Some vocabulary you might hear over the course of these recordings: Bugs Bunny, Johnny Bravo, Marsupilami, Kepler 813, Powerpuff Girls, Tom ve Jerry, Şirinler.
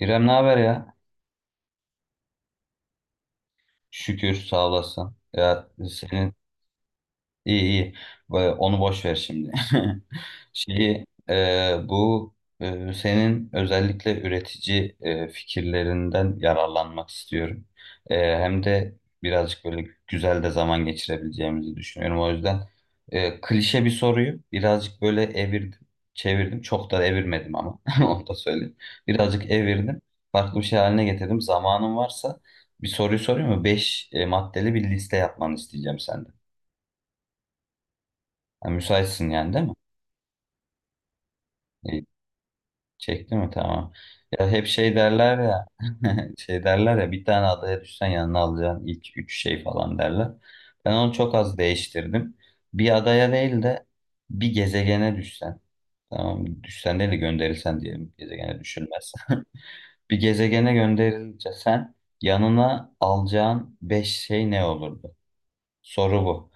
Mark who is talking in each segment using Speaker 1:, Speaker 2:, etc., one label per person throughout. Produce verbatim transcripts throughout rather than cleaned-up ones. Speaker 1: İrem, ne haber ya? Şükür, sağ olasın. Ya senin... İyi iyi. Ba- Onu boş ver şimdi. Şeyi e, bu e, senin özellikle üretici e, fikirlerinden yararlanmak istiyorum. E, hem de birazcık böyle güzel de zaman geçirebileceğimizi düşünüyorum. O yüzden e, klişe bir soruyu birazcık böyle evirdim, çevirdim. Çok da evirmedim ama onu da söyleyeyim. Birazcık evirdim. Farklı bir şey haline getirdim. Zamanın varsa bir soruyu sorayım mı? Beş e, maddeli bir liste yapmanı isteyeceğim senden. Ha, müsaitsin yani değil mi? İyi, çekti mi? Tamam. Ya hep şey derler ya şey derler ya bir tane adaya düşsen yanına alacağın ilk üç şey falan derler. Ben onu çok az değiştirdim. Bir adaya değil de bir gezegene düşsen. Tamam, düşsen değil de gönderilsen diyelim. Gezegene düşülmez. Bir gezegene gönderilince sen yanına alacağın beş şey ne olurdu? Soru bu.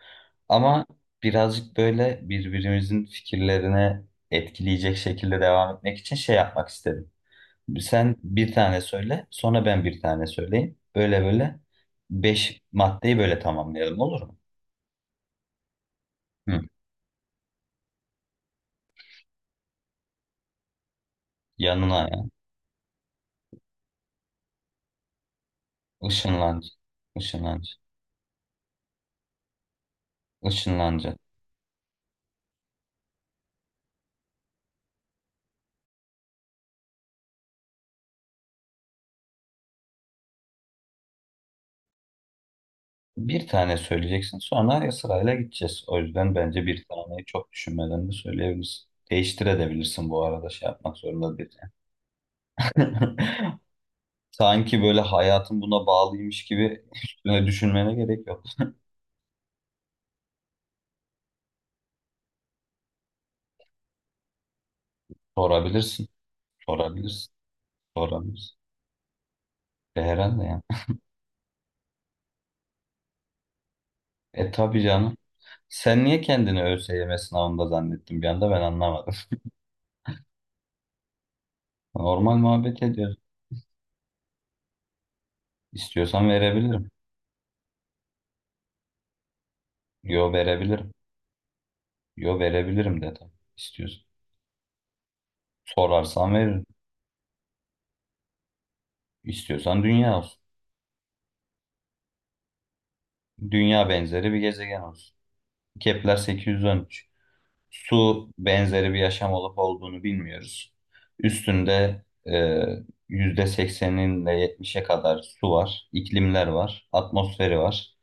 Speaker 1: Ama birazcık böyle birbirimizin fikirlerine etkileyecek şekilde devam etmek için şey yapmak istedim. Sen bir tane söyle, sonra ben bir tane söyleyeyim. Böyle böyle beş maddeyi böyle tamamlayalım, olur mu? Hı. Yanına ya. Işınlanacak. Işınlanacak. Işınlanacak. Bir tane söyleyeceksin, sonra sırayla gideceğiz. O yüzden bence bir taneyi çok düşünmeden de söyleyebilirsin. Değiştirebilirsin bu arada, şey yapmak zorunda değil. Sanki böyle hayatın buna bağlıymış gibi üstüne düşünmene gerek yok. Sorabilirsin, sorabilirsin, sorabilirsin. E, herhalde yani. E tabii canım. Sen niye kendini ÖSYM sınavında zannettin bir anda, ben anlamadım. Normal muhabbet ediyoruz. İstiyorsan verebilirim. Yo, verebilirim. Yo, verebilirim dedim. İstiyorsan. Sorarsan veririm. İstiyorsan dünya olsun. Dünya benzeri bir gezegen olsun. Kepler sekiz yüz on üç. Su benzeri bir yaşam olup olduğunu bilmiyoruz. Üstünde e, yüzde sekseninin ile yetmişe kadar su var, iklimler var, atmosferi var.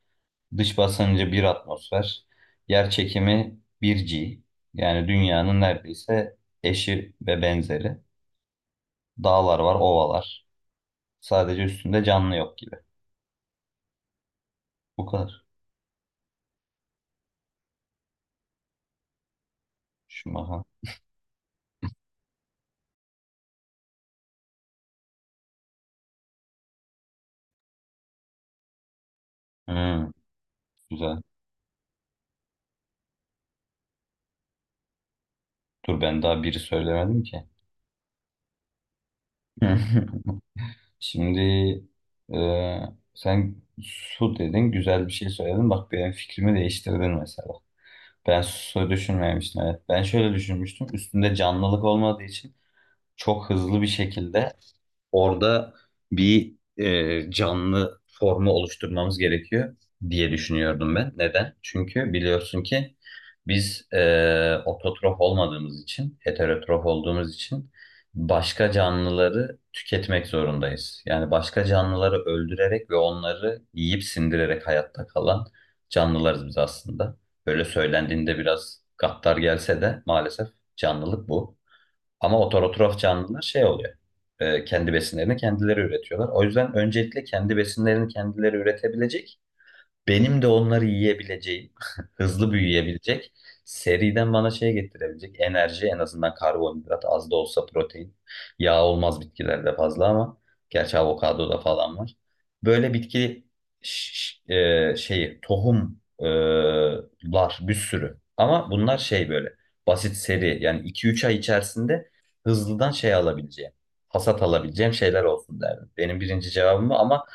Speaker 1: Dış basıncı bir atmosfer, yer çekimi bir g. Yani dünyanın neredeyse eşi ve benzeri. Dağlar var, ovalar. Sadece üstünde canlı yok gibi. Bu kadar. Şu maha. Hmm, güzel. Dur, ben daha biri söylemedim ki. Şimdi e, sen su dedin, güzel bir şey söyledin. Bak, benim fikrimi değiştirdin mesela. Ben su düşünmemiştim. Evet. Ben şöyle düşünmüştüm. Üstünde canlılık olmadığı için çok hızlı bir şekilde orada bir e, canlı formu oluşturmamız gerekiyor diye düşünüyordum ben. Neden? Çünkü biliyorsun ki biz e, ototrof olmadığımız için, heterotrof olduğumuz için başka canlıları tüketmek zorundayız. Yani başka canlıları öldürerek ve onları yiyip sindirerek hayatta kalan canlılarız biz aslında. Böyle söylendiğinde biraz gaddar gelse de maalesef canlılık bu. Ama ototrof canlılar şey oluyor. E, kendi besinlerini kendileri üretiyorlar. O yüzden öncelikle kendi besinlerini kendileri üretebilecek, benim de onları yiyebileceğim, hızlı büyüyebilecek, seriden bana şey getirebilecek enerji, en azından karbonhidrat, az da olsa protein. Yağ olmaz bitkilerde fazla ama gerçi avokadoda falan var. Böyle bitki ş- ş- e, şeyi tohum e, lar bir sürü ama bunlar şey böyle basit seri, yani iki üç ay içerisinde hızlıdan şey alabileceğim, hasat alabileceğim şeyler olsun derdim. Benim birinci cevabım bu ama...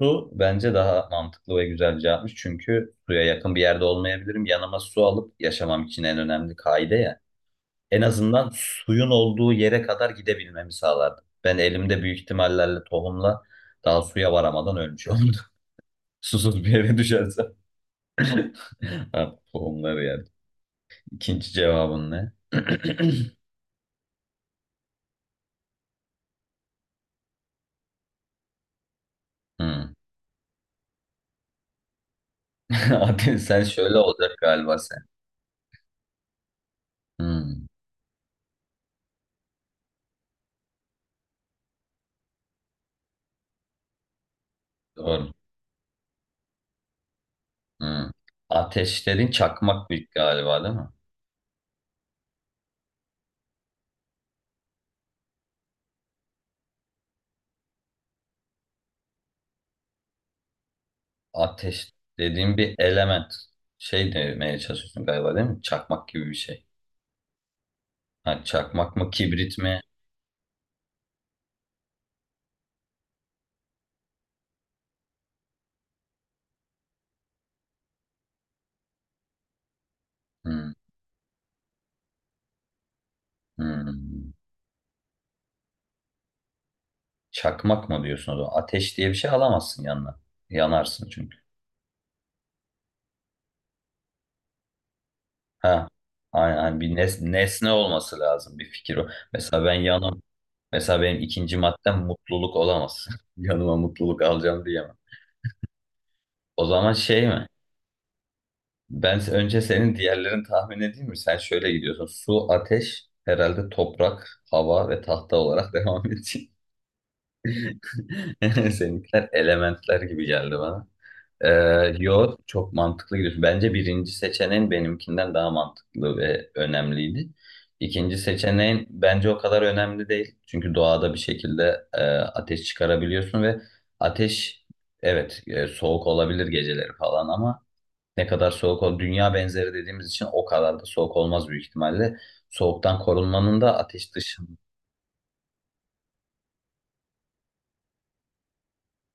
Speaker 1: Su bence daha mantıklı ve güzel cevapmış. Çünkü suya yakın bir yerde olmayabilirim. Yanıma su alıp yaşamam için en önemli kaide ya. En azından suyun olduğu yere kadar gidebilmemi sağlardı. Ben elimde büyük ihtimallerle tohumla daha suya varamadan ölmüş olurdum. Susuz bir eve düşersem. Ha, tohumları yani. İkinci cevabın ne? Hmm. Abi, sen şöyle olacak galiba sen. Hmm. Doğru. Hmm. Ateşlerin çakmak bir galiba değil mi? Ateş dediğim bir element. Şey demeye çalışıyorsun galiba değil mi? Çakmak gibi bir şey. Ha, çakmak mı, kibrit mi? Hmm, hmm. Çakmak mı diyorsun o zaman? Ateş diye bir şey alamazsın yanına. Yanarsın çünkü. Ha, aynen, aynen. Bir nes- nesne olması lazım, bir fikir o. Mesela ben yanım. Mesela benim ikinci maddem mutluluk olamaz. Yanıma mutluluk alacağım diyemem. O zaman şey mi? Ben se- önce senin diğerlerini tahmin edeyim mi? Sen şöyle gidiyorsun. Su, ateş, herhalde toprak, hava ve tahta olarak devam edeceğim. Seninkiler elementler gibi geldi bana. Ee, yo, çok mantıklı gidiyorsun. Bence birinci seçeneğin benimkinden daha mantıklı ve önemliydi. İkinci seçeneğin bence o kadar önemli değil. Çünkü doğada bir şekilde e, ateş çıkarabiliyorsun ve ateş, evet, e, soğuk olabilir geceleri falan ama ne kadar soğuk ol, dünya benzeri dediğimiz için o kadar da soğuk olmaz büyük ihtimalle. Soğuktan korunmanın da ateş dışında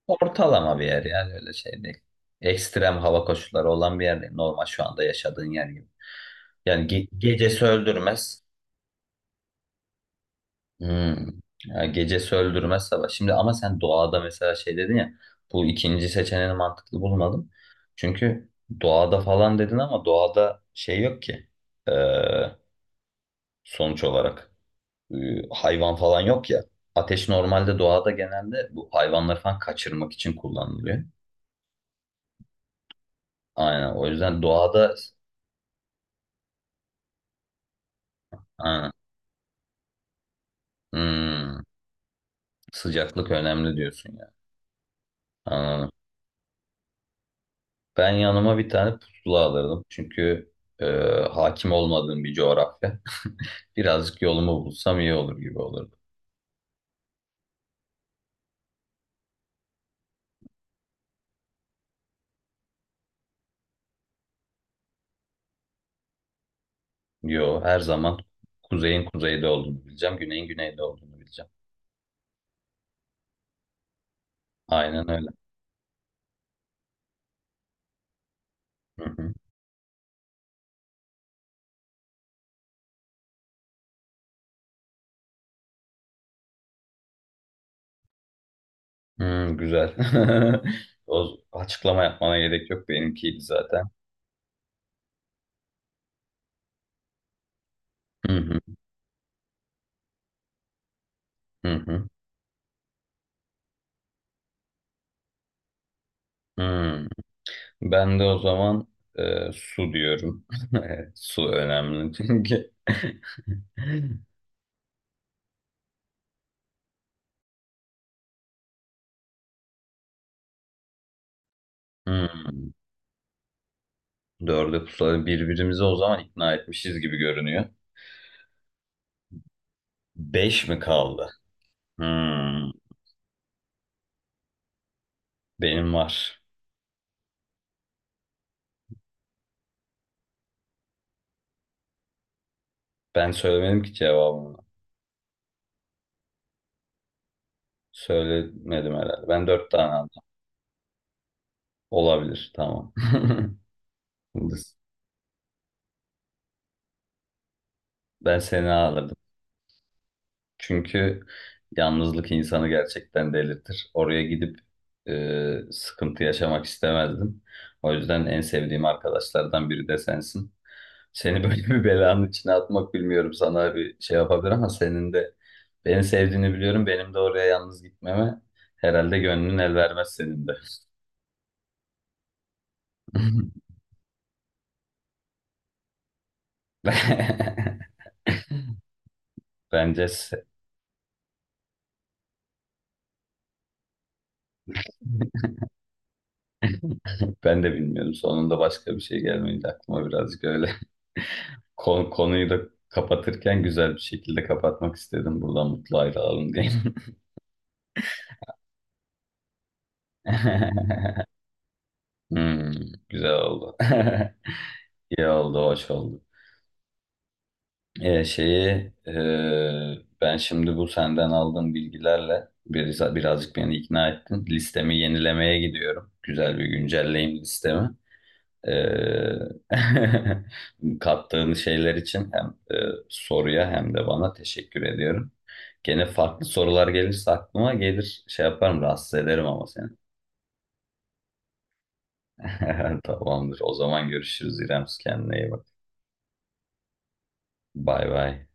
Speaker 1: ortalama bir yer, yani öyle şey değil. Ekstrem hava koşulları olan bir yer değil. Normal şu anda yaşadığın yer gibi. Yani ge gecesi öldürmez. Hmm. Ya, gecesi öldürmez sabah. Şimdi ama sen doğada mesela şey dedin ya, bu ikinci seçeneğini mantıklı bulmadım. Çünkü doğada falan dedin ama doğada şey yok ki. Ee, Sonuç olarak. e, Hayvan falan yok ya. Ateş normalde doğada genelde bu hayvanları falan kaçırmak için kullanılıyor. Aynen, o yüzden doğada aynen, Hmm, sıcaklık önemli diyorsun ya. Anladım. Ben yanıma bir tane pusula alırdım. Çünkü e, hakim olmadığım bir coğrafya. Birazcık yolumu bulsam iyi olur gibi olurdu. Yo, her zaman kuzeyin kuzeyde olduğunu bileceğim, güneyin güneyde olduğunu bileceğim. Aynen öyle. Hı hı. Hmm, güzel. O açıklama yapmana gerek yok. Benimkiydi zaten. Hı hı, hı hı, hı. Ben de o zaman e, su diyorum. Su önemli çünkü. Hmm. Dörde pusulayı birbirimizi o zaman ikna etmişiz gibi görünüyor. Beş mi kaldı? Hmm. Benim var. Ben söylemedim ki cevabını. Söylemedim herhalde. Ben dört tane aldım. Olabilir. Tamam. Ben seni aldım. Çünkü yalnızlık insanı gerçekten delirtir. Oraya gidip e, sıkıntı yaşamak istemezdim. O yüzden en sevdiğim arkadaşlardan biri de sensin. Seni böyle bir belanın içine atmak bilmiyorum sana bir şey yapabilir ama senin de beni sevdiğini biliyorum. Benim de oraya yalnız gitmeme herhalde gönlün el vermez senin de. Bence se- Ben de bilmiyorum. Sonunda başka bir şey gelmeyince aklıma birazcık öyle. Kon- konuyu da kapatırken güzel bir şekilde kapatmak istedim. Buradan mutlu ayrılalım diye. Hmm, güzel oldu. İyi oldu, hoş oldu. Ee, şeyi e, ben şimdi bu senden aldığım bilgilerle biraz, birazcık beni ikna ettin. Listemi yenilemeye gidiyorum. Güzel bir güncelleyim listemi. Ee, kattığın şeyler için hem e, soruya hem de bana teşekkür ediyorum. Gene farklı sorular gelirse aklıma gelir şey yaparım rahatsız ederim ama seni. Tamamdır. O zaman görüşürüz İrem. Kendine iyi bak. Bay bay.